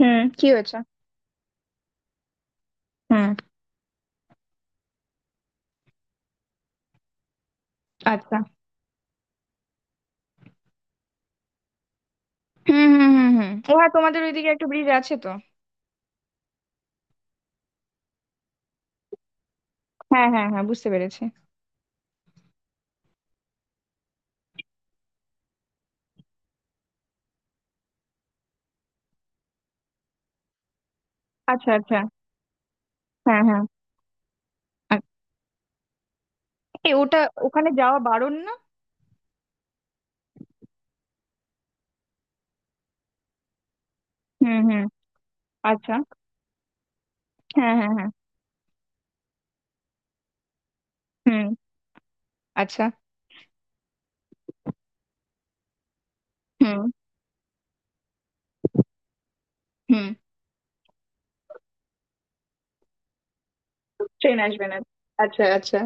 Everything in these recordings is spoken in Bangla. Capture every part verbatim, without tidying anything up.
হুম। কি হয়েছে? হুম। আচ্ছা। হুম হুম হুম হুম, ও হ্যাঁ, তোমাদের ওইদিকে একটা ব্রিজ আছে তো? হ্যাঁ হ্যাঁ হ্যাঁ, বুঝতে পেরেছি। আচ্ছা আচ্ছা। হ্যাঁ হ্যাঁ। আচ্ছা। এ, ওটা ওখানে যাওয়া বারণ না? হুম হুম। আচ্ছা। হ্যাঁ হ্যাঁ হ্যাঁ। হুম। আচ্ছা। হুম হুম। ট্রেন আসবে না? আচ্ছা আচ্ছা।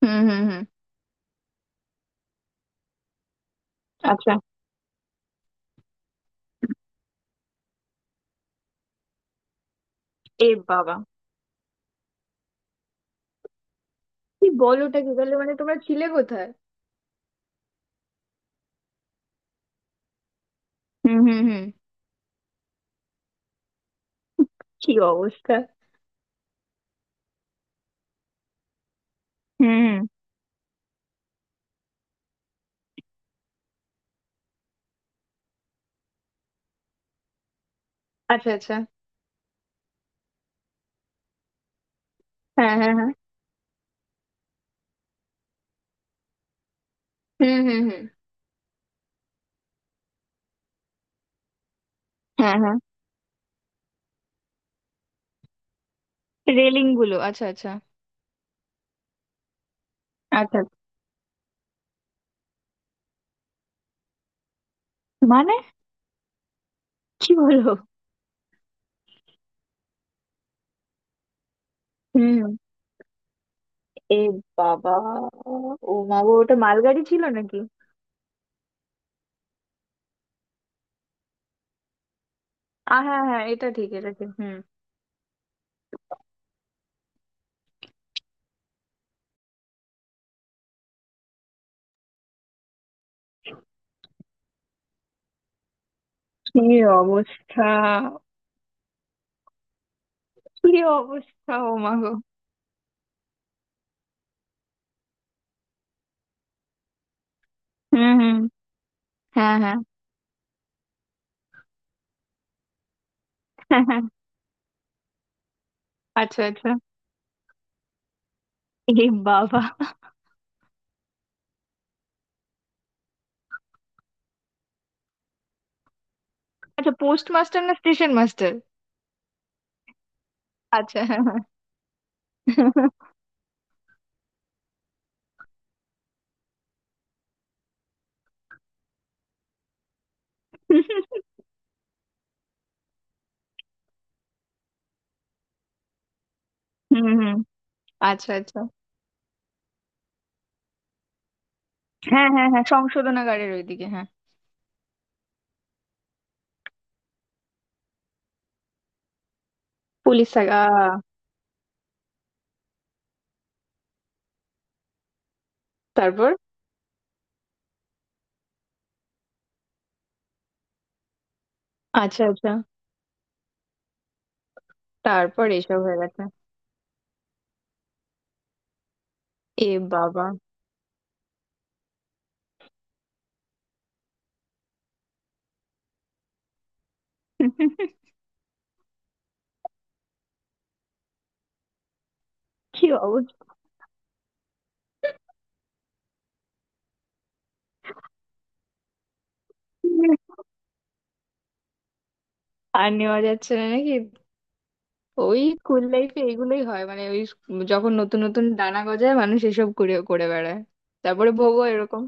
হুম হুম হুম। আচ্ছা। এ বাবা! কি বলো, ওটা কি তাহলে, মানে তোমরা ছিলে কোথায়? হুম হুম হুম। কি অবস্থা! হুম হুম। আচ্ছা আচ্ছা। হ্যাঁ হ্যাঁ হ্যাঁ। হুম হুম হুম। হ্যাঁ হ্যাঁ। রেলিং গুলো, আচ্ছা আচ্ছা। আচ্ছা। মানে? কি বলো! হুম। এ বাবা! ও মা গো, ওটা মালগাড়ি ছিল নাকি? আ হ্যাঁ হ্যাঁ, এটা ঠিক, এটা ঠিক। হুম। কি অবস্থা! কি অবস্থা, ও মা গো! হুম হুম। হ্যাঁ হ্যাঁ। হ্যাঁ, হ্যাঁ। আচ্ছা আচ্ছা। এ বাবা! আচ্ছা, পোস্ট মাস্টার না স্টেশন মাস্টার? আচ্ছা, হ্যাঁ হ্যাঁ। হুম হুম। আচ্ছা আচ্ছা। হ্যাঁ হ্যাঁ হ্যাঁ, সংশোধনাগারের ওইদিকে, হ্যাঁ। পুলিশ থাকা? তারপর? আচ্ছা আচ্ছা। তারপর এসব হয়ে গেছে? এ বাবা! কি অবস্থা! আর নেওয়া যাচ্ছে না নাকি? ওই স্কুল লাইফে এগুলোই হয়, মানে ওই স্কু- যখন নতুন নতুন ডানা গজায় মানুষ এসব করে করে বেড়ায়। তারপরে ভোগও এরকম।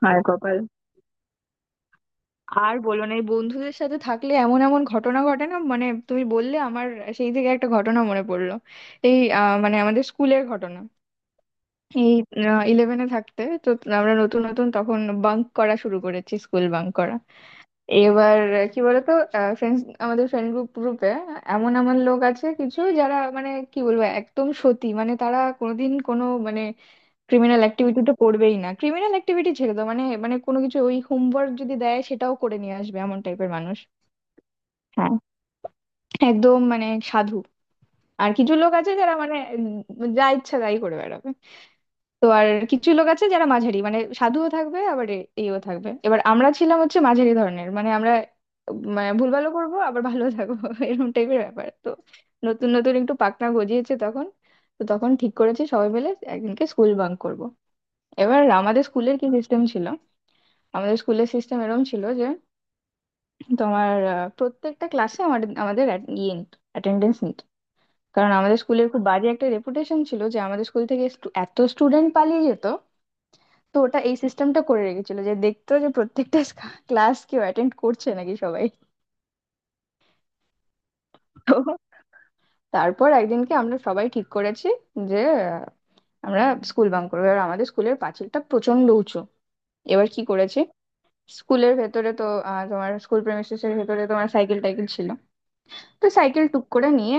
হায় কপাল! আর বলো না, এই বন্ধুদের সাথে থাকলে এমন এমন ঘটনা ঘটে না, মানে তুমি বললে আমার সেই থেকে একটা ঘটনা মনে পড়লো। এই আহ, মানে আমাদের স্কুলের ঘটনা। এই ইলেভেনে থাকতে তো আমরা নতুন নতুন তখন বাঙ্ক করা শুরু করেছি, স্কুল বাঙ্ক করা। এবার কি বলতো, ফ্রেন্ডস, আমাদের ফ্রেন্ড গ্রুপ গ্রুপে এমন এমন লোক আছে কিছু যারা, মানে কি বলবো, একদম সতী, মানে তারা কোনোদিন কোনো মানে ক্রিমিনাল অ্যাক্টিভিটিতে পড়বেই না, ক্রিমিনাল অ্যাক্টিভিটি ছেড়ে দাও, মানে মানে কোনো কিছু ওই হোমওয়ার্ক যদি দেয় সেটাও করে নিয়ে আসবে, এমন টাইপের মানুষ। হ্যাঁ, একদম মানে সাধু। আর কিছু লোক আছে যারা মানে উম যা ইচ্ছা তাই করে বেড়াবে। তো আর কিছু লোক আছে যারা মাঝারি, মানে সাধুও থাকবে আবার এ- ইয়েও থাকবে। এবার আমরা ছিলাম হচ্ছে মাঝারি ধরনের, মানে আমরা মানে ভুলভালও করবো আবার ভালো থাকবো এরকম টাইপের ব্যাপার তো। নতুন নতুন একটু পাকনা গজিয়েছে তখন। তো তখন ঠিক করেছি সবাই মিলে একদিনকে স্কুল বাঙ্ক করব। এবার আমাদের স্কুলের কি সিস্টেম ছিল? আমাদের স্কুলের সিস্টেম এরকম ছিল যে তোমার আহ, প্রত্যেকটা ক্লাসে আমাদের আমাদের at- ইয়ে অ্যাটেন্ডেন্স নিত। কারণ আমাদের স্কুলের খুব বাজে একটা রেপুটেশন ছিল যে আমাদের স্কুল থেকে stu- এত স্টুডেন্ট পালিয়ে যেত। তো ওটা এই সিস্টেমটা করে রেখেছিল যে দেখতো যে প্রত্যেকটা ক্লাস কেউ অ্যাটেন্ড করছে নাকি সবাই। তো তারপর একদিনকে আমরা সবাই ঠিক করেছি যে আহ, আমরা স্কুল বাঙ্ক করবো। এবার আমাদের স্কুলের পাঁচিলটা প্রচন্ড উঁচু। এবার কি করেছি, স্কুলের ভেতরে তো আহ, তোমার স্কুল প্রেমিসেস এর ভেতরে তোমার সাইকেল টাইকেল ছিল, তো সাইকেল টুক করে নিয়ে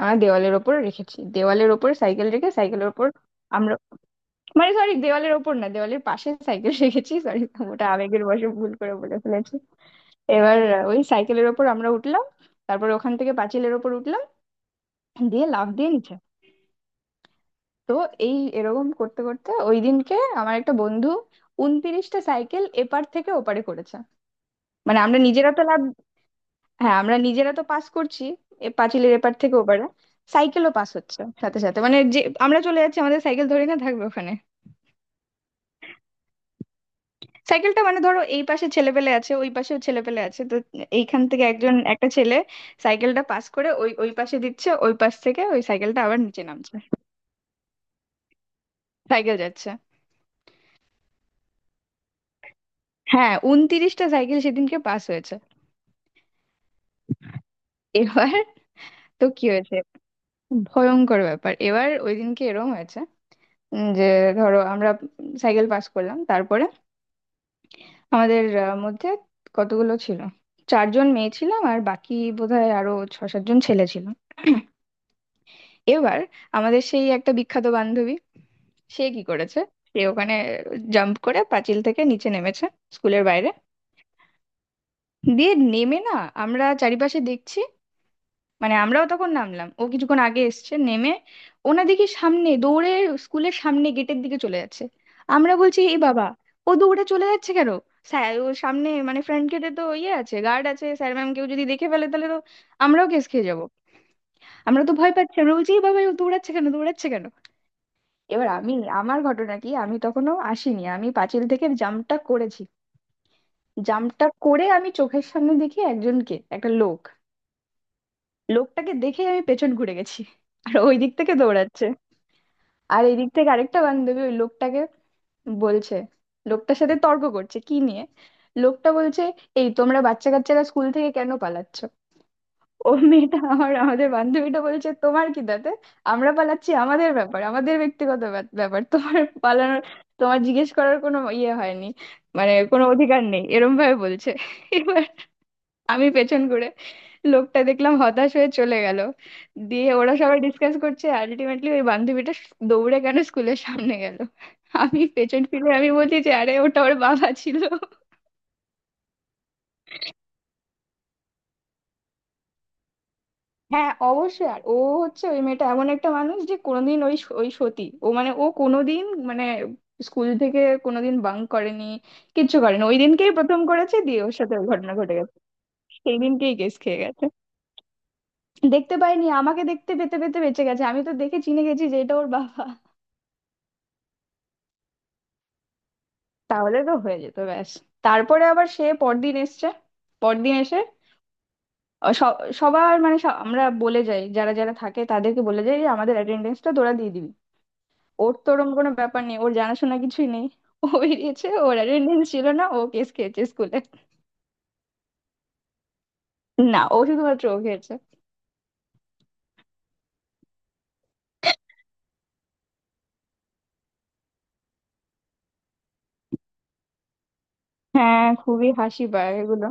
আমরা দেওয়ালের ওপর রেখেছি, দেওয়ালের ওপর সাইকেল রেখে সাইকেলের ওপর আমরা, মানে সরি, দেওয়ালের ওপর না, দেওয়ালের পাশে সাইকেল রেখেছি, সরি, ওটা আবেগের বশে ভুল করে বলে ফেলেছি। এবার ওই সাইকেলের ওপর আমরা উঠলাম, তারপর ওখান থেকে পাঁচিলের ওপর উঠলাম, দিয়ে লাফ দিয়ে নিচে। তো এই এরকম করতে করতে ওই দিনকে আমার একটা বন্ধু উনতিরিশটা সাইকেল এপার থেকে ওপারে করেছে। মানে আমরা নিজেরা তো লাভ, হ্যাঁ আমরা নিজেরা তো পাস করছি এ পাঁচিলের এপার থেকে ওপারে, সাইকেলও পাস হচ্ছে সাথে সাথে, মানে যে আমরা চলে যাচ্ছি, আমাদের সাইকেল ধরে না থাকবে ওখানে। সাইকেলটা মানে ধরো এই পাশে ছেলেপেলে আছে, ওই পাশেও ছেলেপেলে আছে, তো এইখান থেকে একজন একটা ছেলে সাইকেলটা পাস করে ওই ওই পাশে দিচ্ছে, ওই পাশ থেকে ওই সাইকেলটা আবার নিচে নামছে। সাইকেল যাচ্ছে। হ্যাঁ, উনতিরিশটা সাইকেল সেদিনকে পাস হয়েছে। এবার তো কি হয়েছে, ভয়ঙ্কর ব্যাপার। এবার ওই দিনকে এরকম হয়েছে, উম, যে ধরো আমরা সাইকেল পাস করলাম, তারপরে আমাদের আহ, মধ্যে কতগুলো ছিল, চারজন মেয়ে ছিলাম আর বাকি বোধহয় আরো ছ সাতজন ছেলে ছিল। এবার আমাদের সেই একটা বিখ্যাত বান্ধবী সে কি করেছে, সে ওখানে জাম্প করে পাঁচিল থেকে নিচে নেমেছে স্কুলের বাইরে। দিয়ে নেমে না, আমরা চারিপাশে দেখছি, মানে আমরাও তখন নামলাম, ও কিছুক্ষণ আগে এসছে নেমে, ওনা দেখি সামনে দৌড়ে স্কুলের সামনে গেটের দিকে চলে যাচ্ছে। আমরা বলছি, এ বাবা, ও দৌড়ে চলে যাচ্ছে কেন, স্যার ও সামনে মানে ফ্রন্ট গেটে তো ইয়ে আছে, গার্ড আছে, স্যার ম্যাম কেউ যদি দেখে ফেলে তাহলে তো আমরাও কেস খেয়ে যাবো। আমরা তো ভয় পাচ্ছি, আমরা বলছি, এ বাবা ও দৌড়াচ্ছে কেন, দৌড়াচ্ছে কেন। এবার আমি, আমার ঘটনা কি, আমি তখনও আসিনি, আমি পাঁচিল থেকে জাম্পটা করেছি। জাম্পটা করে আমি চোখের সামনে দেখি একজনকে, একটা লোক, লোকটাকে দেখে আমি পেছন ঘুরে গেছি। আর ওই দিক থেকে দৌড়াচ্ছে, আর এই দিক থেকে আরেকটা বান্ধবী ওই লোকটাকে বলছে, লোকটার সাথে তর্ক করছে, কি নিয়ে, লোকটা বলছে, এই তোমরা বাচ্চা কাচ্চারা স্কুল থেকে কেন পালাচ্ছ? ও মেয়েটা, আমার আমাদের বান্ধবীটা বলছে তোমার কি তাতে, আমরা পালাচ্ছি, আমাদের ব্যাপার, আমাদের ব্যক্তিগত ব্যাপ- ব্যাপার, তোমার পালানোর, তোমার জিজ্ঞেস করার কোনো ইয়ে হয়নি, মানে কোনো অধিকার নেই এরম ভাবে বলছে। এবার আমি পেছন ঘুরে, লোকটা দেখলাম হতাশ হয়ে চলে গেল। দিয়ে ওরা সবাই ডিসকাস করছে আলটিমেটলি ওই বান্ধবীটা দৌড়ে কেন স্কুলের সামনে গেল। আমি পেছন ফিরে আমি বলি যে আরে ওটা ওর বাবা ছিল। হ্যাঁ অবশ্যই। আর ও হচ্ছে, ওই মেয়েটা এমন একটা মানুষ যে কোনোদিন ওই স- ওই সতী ও, মানে ও কোনোদিন মানে স্কুল থেকে কোনোদিন বাঙ্ক করেনি, কিচ্ছু করেনি, ওই দিনকেই প্রথম করেছে দিয়ে ওর সাথে ওই ঘটনা ঘটে গেছে। সেই দিনকেই কেস খেয়ে গেছে। দেখতে পাইনি, আমাকে দেখতে পেতে পেতে বেঁচে গেছে, আমি তো দেখে চিনে গেছি যে এটা ওর বাবা। তাহলে তো হয়ে যেত ব্যাস। তারপরে আবার সে পরদিন এসছে, পরদিন এসে অ, স- সবার মানে স- আমরা বলে যাই, যারা যারা থাকে তাদেরকে বলে যাই যে আমাদের অ্যাটেন্ডেন্সটা তোরা দিয়ে দিবি। ওর তো ওরকম কোনো ব্যাপার নেই, ওর জানাশোনা কিছুই নেই, ও বেরিয়েছে, ওর অ্যাটেন্ডেন্স ছিল না, ও কেস খেয়েছে স্কুলে। না, ও শুধুমাত্র ও খেয়েছে। হ্যাঁ খুবই হাসি পায় এগুলো।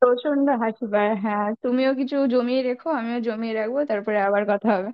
প্রচন্ড হাসি পায়, হ্যাঁ তুমিও কিছু জমিয়ে রেখো, আমিও জমিয়ে রাখবো, তারপরে আবার কথা হবে।